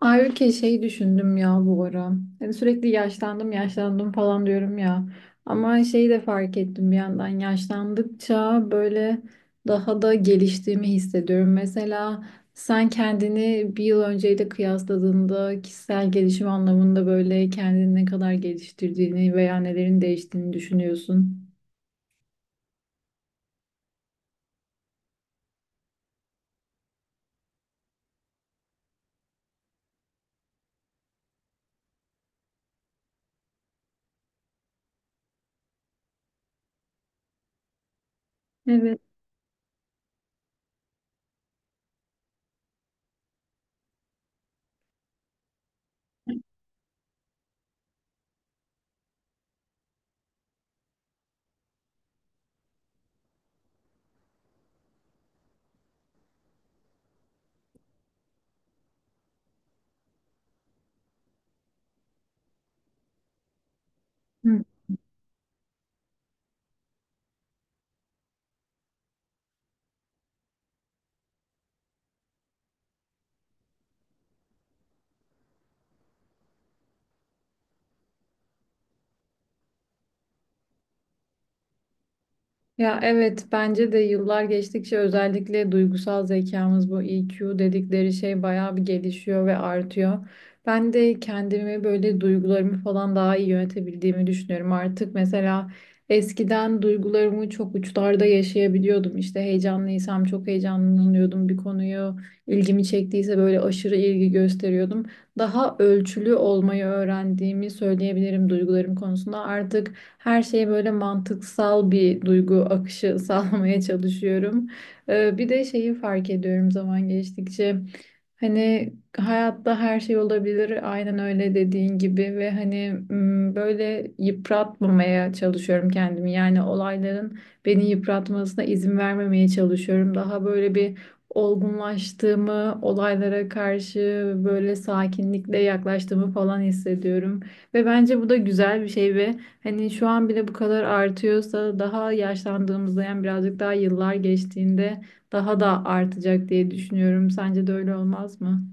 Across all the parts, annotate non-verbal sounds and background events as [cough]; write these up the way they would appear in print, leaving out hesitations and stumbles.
Ayrıca düşündüm ya bu ara. Hani sürekli yaşlandım falan diyorum ya. Ama şeyi de fark ettim bir yandan yaşlandıkça böyle daha da geliştiğimi hissediyorum. Mesela sen kendini bir yıl önceyle kıyasladığında kişisel gelişim anlamında böyle kendini ne kadar geliştirdiğini veya nelerin değiştiğini düşünüyorsun. Evet. Ya evet, bence de yıllar geçtikçe özellikle duygusal zekamız, bu EQ dedikleri şey, bayağı bir gelişiyor ve artıyor. Ben de kendimi böyle duygularımı falan daha iyi yönetebildiğimi düşünüyorum. Artık mesela eskiden duygularımı çok uçlarda yaşayabiliyordum. İşte heyecanlıysam çok heyecanlanıyordum bir konuyu ilgimi çektiyse böyle aşırı ilgi gösteriyordum. Daha ölçülü olmayı öğrendiğimi söyleyebilirim duygularım konusunda. Artık her şeye böyle mantıksal bir duygu akışı [laughs] sağlamaya çalışıyorum. Bir de şeyi fark ediyorum zaman geçtikçe. Hani hayatta her şey olabilir, aynen öyle dediğin gibi ve hani böyle yıpratmamaya çalışıyorum kendimi. Yani olayların beni yıpratmasına izin vermemeye çalışıyorum. Daha böyle bir olgunlaştığımı, olaylara karşı böyle sakinlikle yaklaştığımı falan hissediyorum. Ve bence bu da güzel bir şey ve hani şu an bile bu kadar artıyorsa daha yaşlandığımızda, yani birazcık daha yıllar geçtiğinde, daha da artacak diye düşünüyorum. Sence de öyle olmaz mı?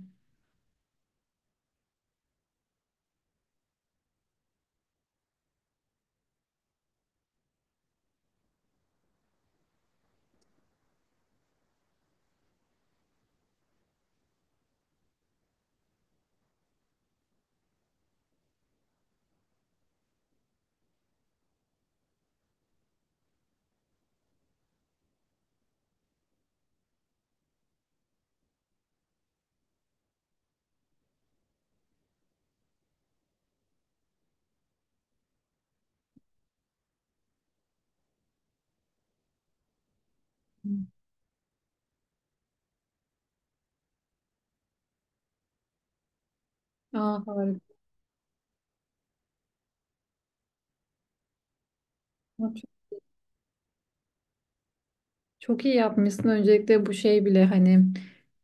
Aa, harika. Çok iyi yapmışsın. Öncelikle bu şey bile hani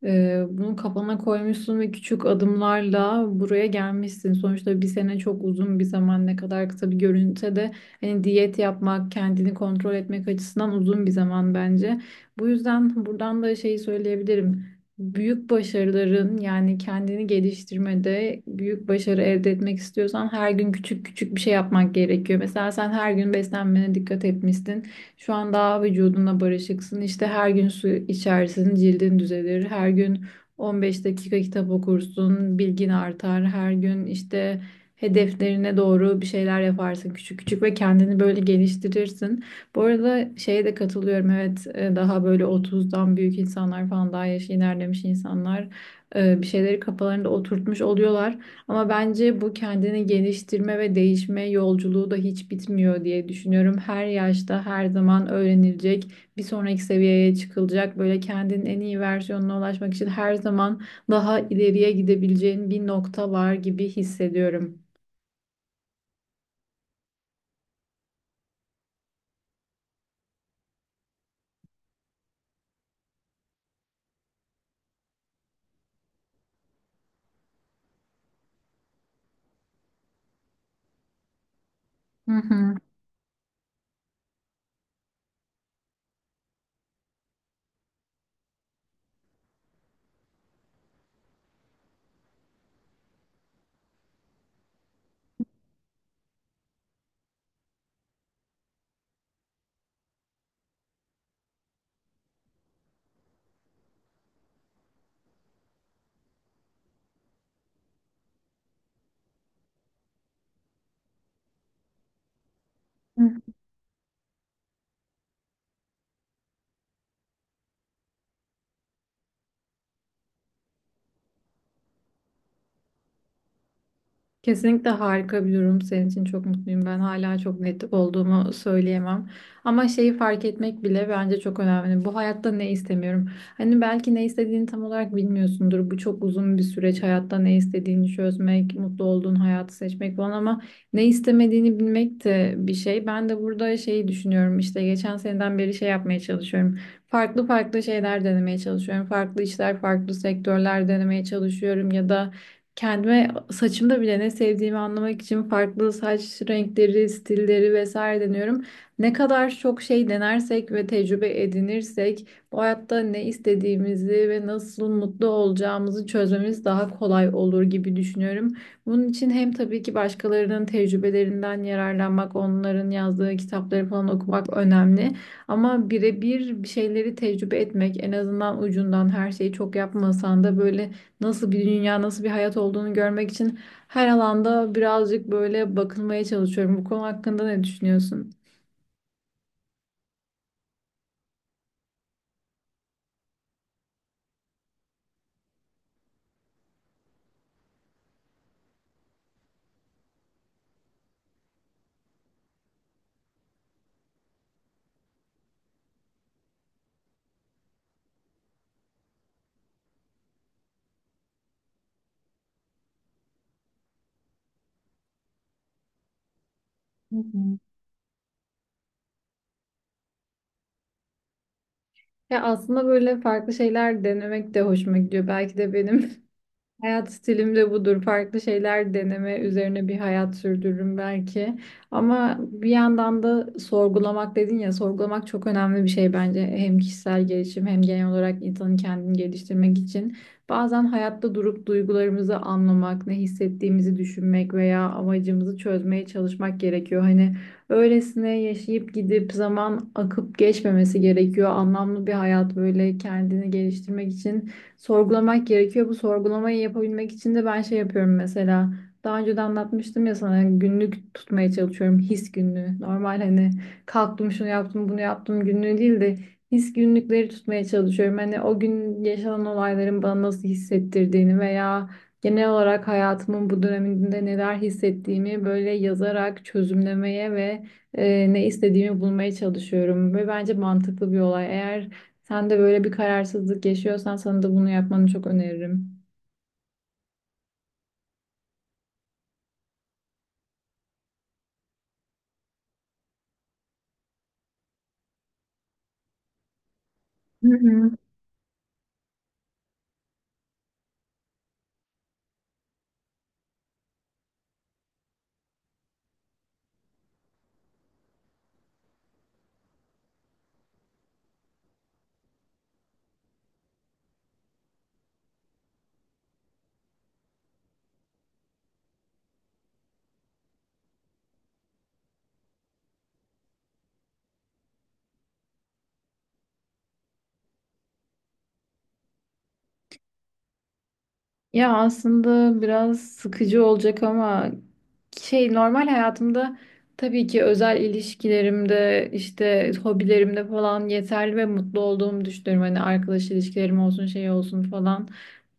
bunu kafana koymuşsun ve küçük adımlarla buraya gelmişsin. Sonuçta bir sene çok uzun bir zaman, ne kadar kısa bir görünse de hani diyet yapmak, kendini kontrol etmek açısından uzun bir zaman bence. Bu yüzden buradan da şeyi söyleyebilirim. Büyük başarıların, yani kendini geliştirmede büyük başarı elde etmek istiyorsan, her gün küçük küçük bir şey yapmak gerekiyor. Mesela sen her gün beslenmene dikkat etmişsin. Şu an daha vücudunla barışıksın. İşte her gün su içersin, cildin düzelir. Her gün 15 dakika kitap okursun, bilgin artar. Her gün işte hedeflerine doğru bir şeyler yaparsın küçük küçük ve kendini böyle geliştirirsin. Bu arada şeye de katılıyorum. Evet, daha böyle 30'dan büyük insanlar falan, daha yaşı ilerlemiş insanlar, bir şeyleri kafalarında oturtmuş oluyorlar. Ama bence bu kendini geliştirme ve değişme yolculuğu da hiç bitmiyor diye düşünüyorum. Her yaşta her zaman öğrenilecek, bir sonraki seviyeye çıkılacak. Böyle kendinin en iyi versiyonuna ulaşmak için her zaman daha ileriye gidebileceğin bir nokta var gibi hissediyorum. Hı hı. Kesinlikle harika bir durum. Senin için çok mutluyum. Ben hala çok net olduğumu söyleyemem. Ama şeyi fark etmek bile bence çok önemli. Bu hayatta ne istemiyorum? Hani belki ne istediğini tam olarak bilmiyorsundur. Bu çok uzun bir süreç. Hayatta ne istediğini çözmek, mutlu olduğun hayatı seçmek falan, ama ne istemediğini bilmek de bir şey. Ben de burada şeyi düşünüyorum. İşte geçen seneden beri şey yapmaya çalışıyorum. Farklı şeyler denemeye çalışıyorum. Farklı işler, farklı sektörler denemeye çalışıyorum ya da kendime saçımda bile ne sevdiğimi anlamak için farklı saç renkleri, stilleri vesaire deniyorum. Ne kadar çok şey denersek ve tecrübe edinirsek bu hayatta ne istediğimizi ve nasıl mutlu olacağımızı çözmemiz daha kolay olur gibi düşünüyorum. Bunun için hem tabii ki başkalarının tecrübelerinden yararlanmak, onların yazdığı kitapları falan okumak önemli. Ama birebir bir şeyleri tecrübe etmek, en azından ucundan her şeyi çok yapmasan da, böyle nasıl bir dünya, nasıl bir hayat olduğunu görmek için her alanda birazcık böyle bakınmaya çalışıyorum. Bu konu hakkında ne düşünüyorsun? Hı hı. Ya aslında böyle farklı şeyler denemek de hoşuma gidiyor. Belki de benim [laughs] hayat stilim de budur. Farklı şeyler deneme üzerine bir hayat sürdürürüm belki. Ama bir yandan da sorgulamak dedin ya, sorgulamak çok önemli bir şey bence. Hem kişisel gelişim hem genel olarak insanın kendini geliştirmek için. Bazen hayatta durup duygularımızı anlamak, ne hissettiğimizi düşünmek veya amacımızı çözmeye çalışmak gerekiyor. Hani öylesine yaşayıp gidip zaman akıp geçmemesi gerekiyor. Anlamlı bir hayat, böyle kendini geliştirmek için sorgulamak gerekiyor. Bu sorgulamayı yapabilmek için de ben şey yapıyorum mesela. Daha önce de anlatmıştım ya sana, günlük tutmaya çalışıyorum. His günlüğü. Normal hani kalktım şunu yaptım bunu yaptım günlüğü değil de his günlükleri tutmaya çalışıyorum. Hani o gün yaşanan olayların bana nasıl hissettirdiğini veya genel olarak hayatımın bu döneminde neler hissettiğimi böyle yazarak çözümlemeye ve ne istediğimi bulmaya çalışıyorum ve bence mantıklı bir olay. Eğer sen de böyle bir kararsızlık yaşıyorsan, sana da bunu yapmanı çok öneririm. Hı hı. Ya aslında biraz sıkıcı olacak ama normal hayatımda tabii ki özel ilişkilerimde, işte hobilerimde falan yeterli ve mutlu olduğumu düşünüyorum. Hani arkadaş ilişkilerim olsun, şey olsun falan,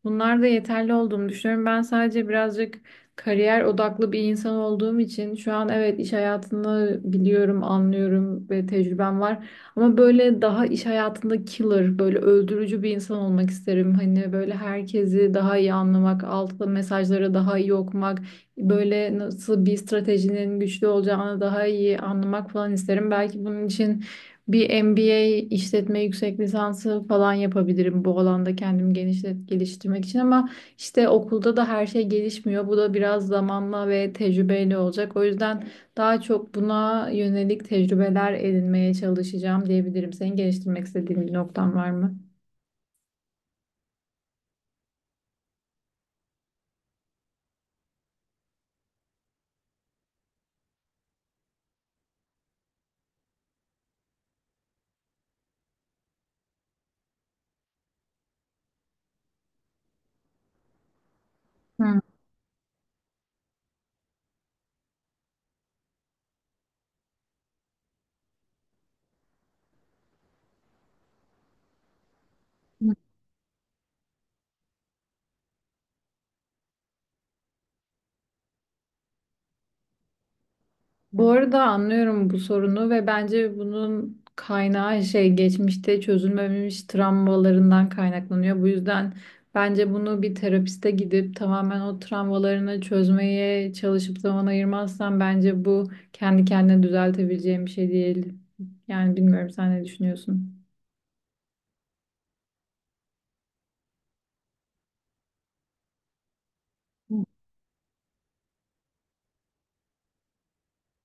bunlar da yeterli olduğumu düşünüyorum. Ben sadece birazcık kariyer odaklı bir insan olduğum için şu an evet iş hayatını biliyorum, anlıyorum ve tecrübem var. Ama böyle daha iş hayatında killer, böyle öldürücü bir insan olmak isterim. Hani böyle herkesi daha iyi anlamak, altta mesajları daha iyi okumak, böyle nasıl bir stratejinin güçlü olacağını daha iyi anlamak falan isterim. Belki bunun için bir MBA, işletme yüksek lisansı falan yapabilirim bu alanda kendimi geliştirmek için, ama işte okulda da her şey gelişmiyor. Bu da biraz zamanla ve tecrübeyle olacak. O yüzden daha çok buna yönelik tecrübeler edinmeye çalışacağım diyebilirim. Senin geliştirmek istediğin bir noktan var mı? Hı. Bu arada anlıyorum bu sorunu ve bence bunun kaynağı, şey, geçmişte çözülmemiş travmalarından kaynaklanıyor. Bu yüzden bence bunu bir terapiste gidip tamamen o travmalarını çözmeye çalışıp zaman ayırmazsan, bence bu kendi kendine düzeltebileceğin bir şey değil. Yani bilmiyorum, sen ne düşünüyorsun?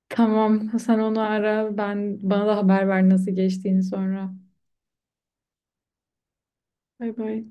Tamam, sen onu ara, ben, bana da haber ver nasıl geçtiğini sonra. Bay bay.